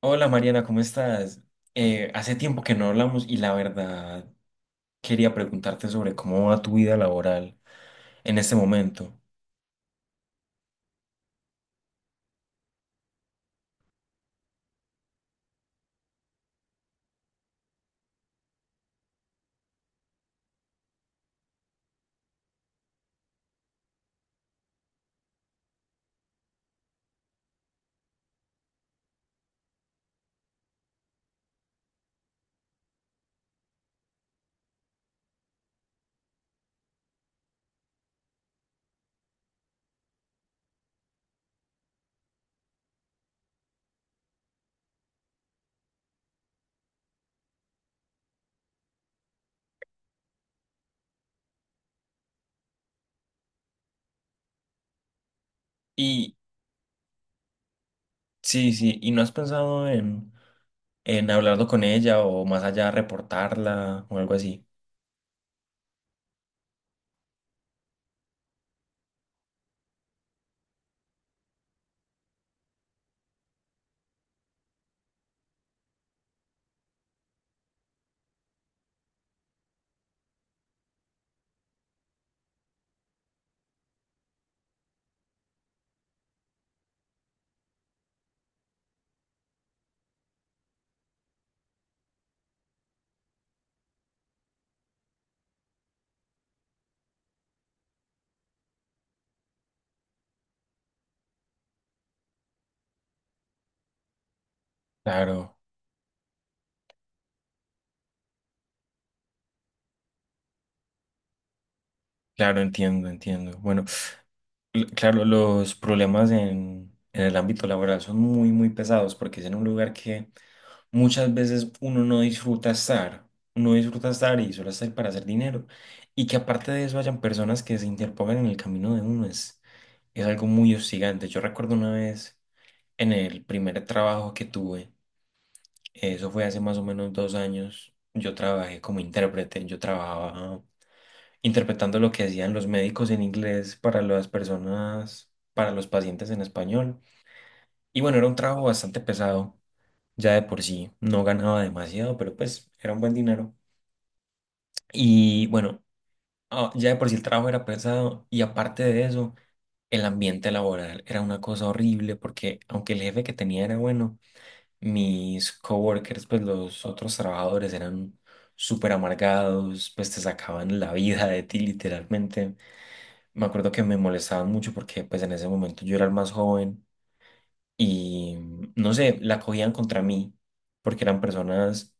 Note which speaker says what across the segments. Speaker 1: Hola Mariana, ¿cómo estás? Hace tiempo que no hablamos y la verdad quería preguntarte sobre cómo va tu vida laboral en este momento. Y sí, sí, ¿y no has pensado en, hablarlo con ella o más allá reportarla o algo así? Claro, claro, entiendo, entiendo. Bueno, claro, los problemas en el ámbito laboral son muy, muy pesados porque es en un lugar que muchas veces uno no disfruta estar, uno disfruta estar y solo estar para hacer dinero. Y que aparte de eso hayan personas que se interpongan en el camino de uno es algo muy hostigante. Yo recuerdo una vez en el primer trabajo que tuve, eso fue hace más o menos 2 años. Yo trabajé como intérprete, yo trabajaba interpretando lo que hacían los médicos en inglés para las personas, para los pacientes en español. Y bueno, era un trabajo bastante pesado. Ya de por sí no ganaba demasiado, pero pues era un buen dinero. Y bueno, ya de por sí el trabajo era pesado y aparte de eso, el ambiente laboral era una cosa horrible porque aunque el jefe que tenía era bueno, mis coworkers, pues los otros trabajadores eran súper amargados, pues te sacaban la vida de ti literalmente. Me acuerdo que me molestaban mucho porque pues en ese momento yo era el más joven y no sé, la cogían contra mí porque eran personas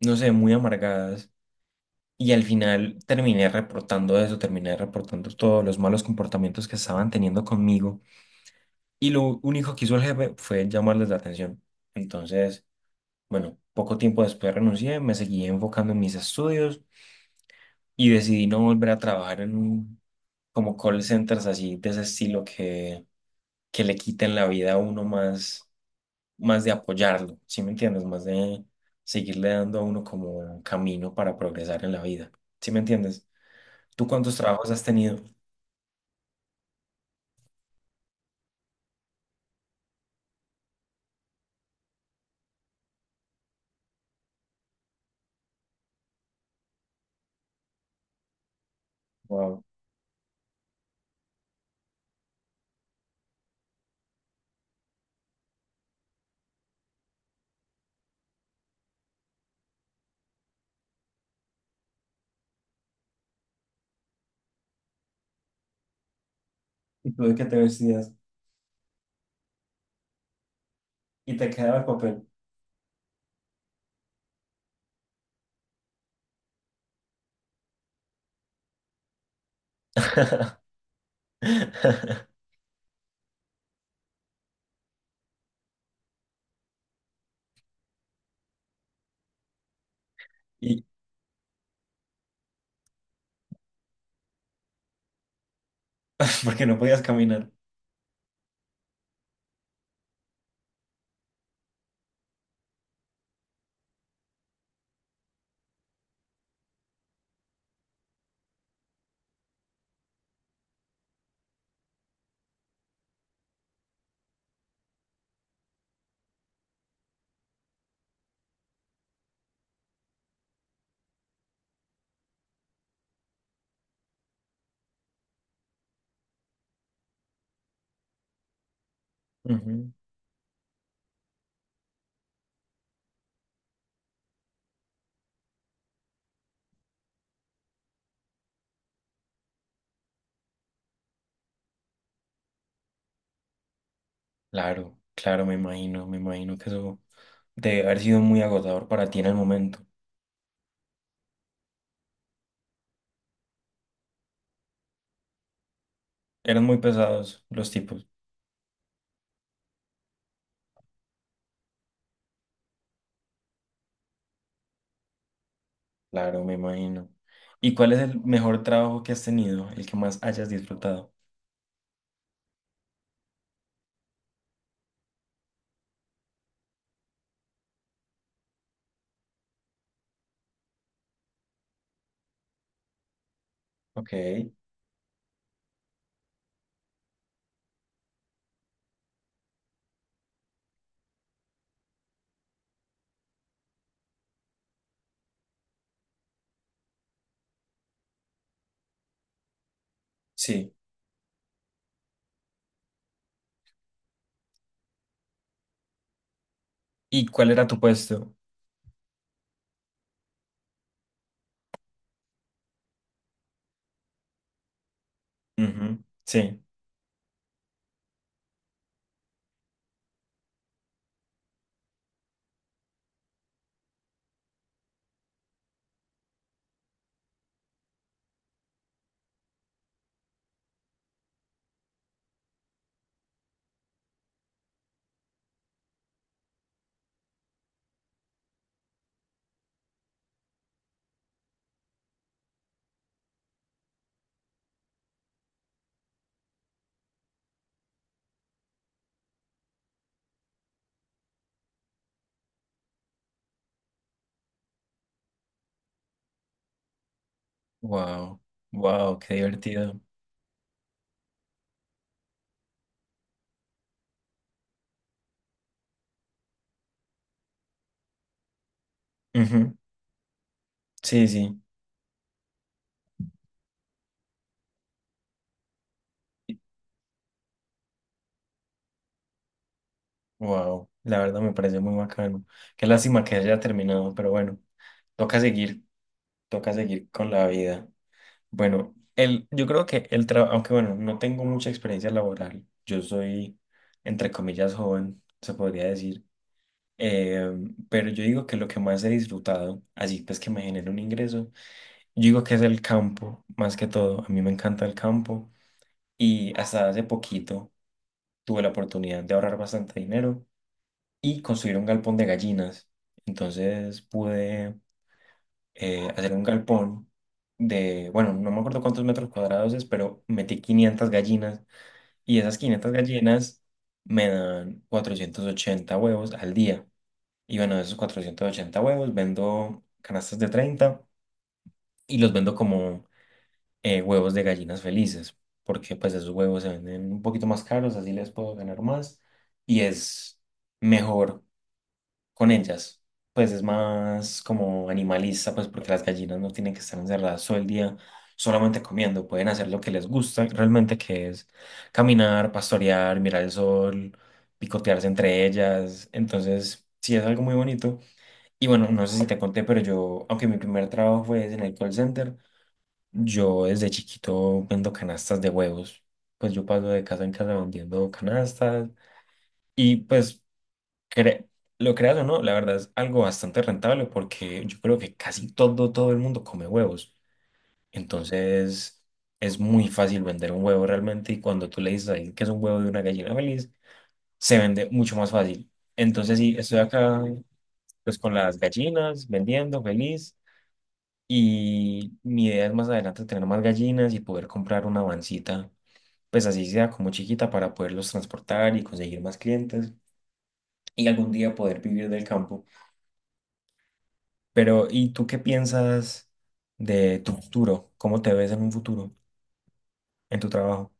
Speaker 1: no sé, muy amargadas. Y al final terminé reportando eso, terminé reportando todos los malos comportamientos que estaban teniendo conmigo. Y lo único que hizo el jefe fue llamarles la atención. Entonces, bueno, poco tiempo después renuncié, me seguí enfocando en mis estudios y decidí no volver a trabajar en como call centers así de ese estilo que le quiten la vida a uno más de apoyarlo, ¿sí me entiendes? Más de seguirle dando a uno como un camino para progresar en la vida. ¿Sí me entiendes? ¿Tú cuántos trabajos has tenido? Wow. ¿Y tú de qué te vestías? Y te quedaba el papel. Y porque no podías caminar. Ujú. Claro, claro, me imagino que eso debe haber sido muy agotador para ti en el momento. Eran muy pesados los tipos. Claro, me imagino. ¿Y cuál es el mejor trabajo que has tenido, el que más hayas disfrutado? Ok, sí. ¿Y cuál era tu puesto? Ujú, sí. Wow, wow, qué divertido. Ujú, sí, sí. Wow, la verdad me parece muy bacano. Qué lástima que haya terminado, pero bueno, toca seguir, toca seguir con la vida. Bueno, el, yo creo que el trabajo, aunque bueno, no tengo mucha experiencia laboral, yo soy, entre comillas, joven, se podría decir, eh, pero yo digo que lo que más he disfrutado, así pues que me genera un ingreso, yo digo que es el campo, más que todo. A mí me encanta el campo y hasta hace poquito tuve la oportunidad de ahorrar bastante dinero y construir un galpón de gallinas. Entonces pude hacer un galpón de, bueno, no me acuerdo cuántos metros cuadrados es, pero metí 500 gallinas y esas 500 gallinas me dan 480 huevos al día. Y bueno, de esos 480 huevos vendo canastas de 30 y los vendo como huevos de gallinas felices, porque pues esos huevos se venden un poquito más caros, así les puedo ganar más y es mejor con ellas. Pues es más como animalista, pues porque las gallinas no tienen que estar encerradas todo el día solamente comiendo, pueden hacer lo que les gusta realmente, que es caminar, pastorear, mirar el sol, picotearse entre ellas. Entonces, sí es algo muy bonito. Y bueno, no sé si te conté, pero yo, aunque mi primer trabajo fue en el call center, yo desde chiquito vendo canastas de huevos. Pues yo paso de casa en casa vendiendo canastas. Y pues Cre- lo creas o no, la verdad es algo bastante rentable porque yo creo que casi todo, todo el mundo come huevos. Entonces es muy fácil vender un huevo realmente y cuando tú le dices a alguien que es un huevo de una gallina feliz, se vende mucho más fácil. Entonces sí, estoy acá pues con las gallinas, vendiendo feliz y mi idea es más adelante tener más gallinas y poder comprar una vancita, pues así sea como chiquita para poderlos transportar y conseguir más clientes y algún día poder vivir del campo. Pero, ¿y tú qué piensas de tu futuro? ¿Cómo te ves en un futuro, en tu trabajo?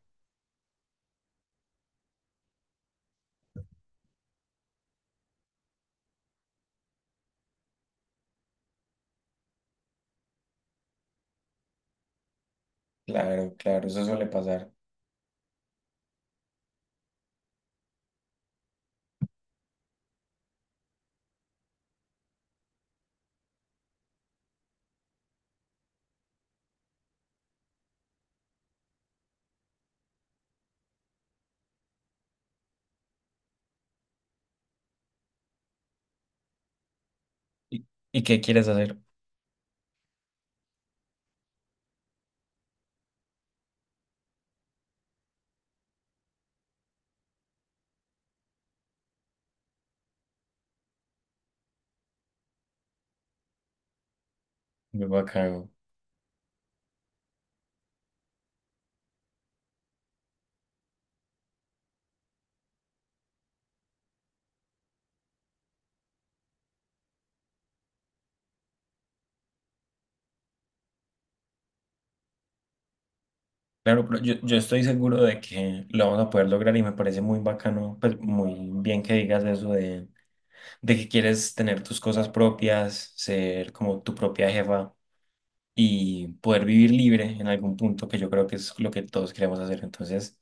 Speaker 1: Claro, claro, eso suele pasar. ¿Y, y qué quieres hacer? Muy bacano. Claro, pero yo estoy seguro de que lo vamos a poder lograr y me parece muy bacano, pues muy bien que digas eso de, que quieres tener tus cosas propias, ser como tu propia jefa y poder vivir libre en algún punto, que yo creo que es lo que todos queremos hacer. Entonces,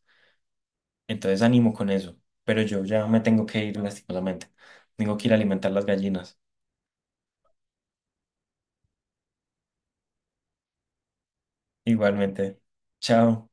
Speaker 1: entonces animo con eso, pero yo ya me tengo que ir lastimosamente. Tengo que ir a alimentar las gallinas. Igualmente. Chao.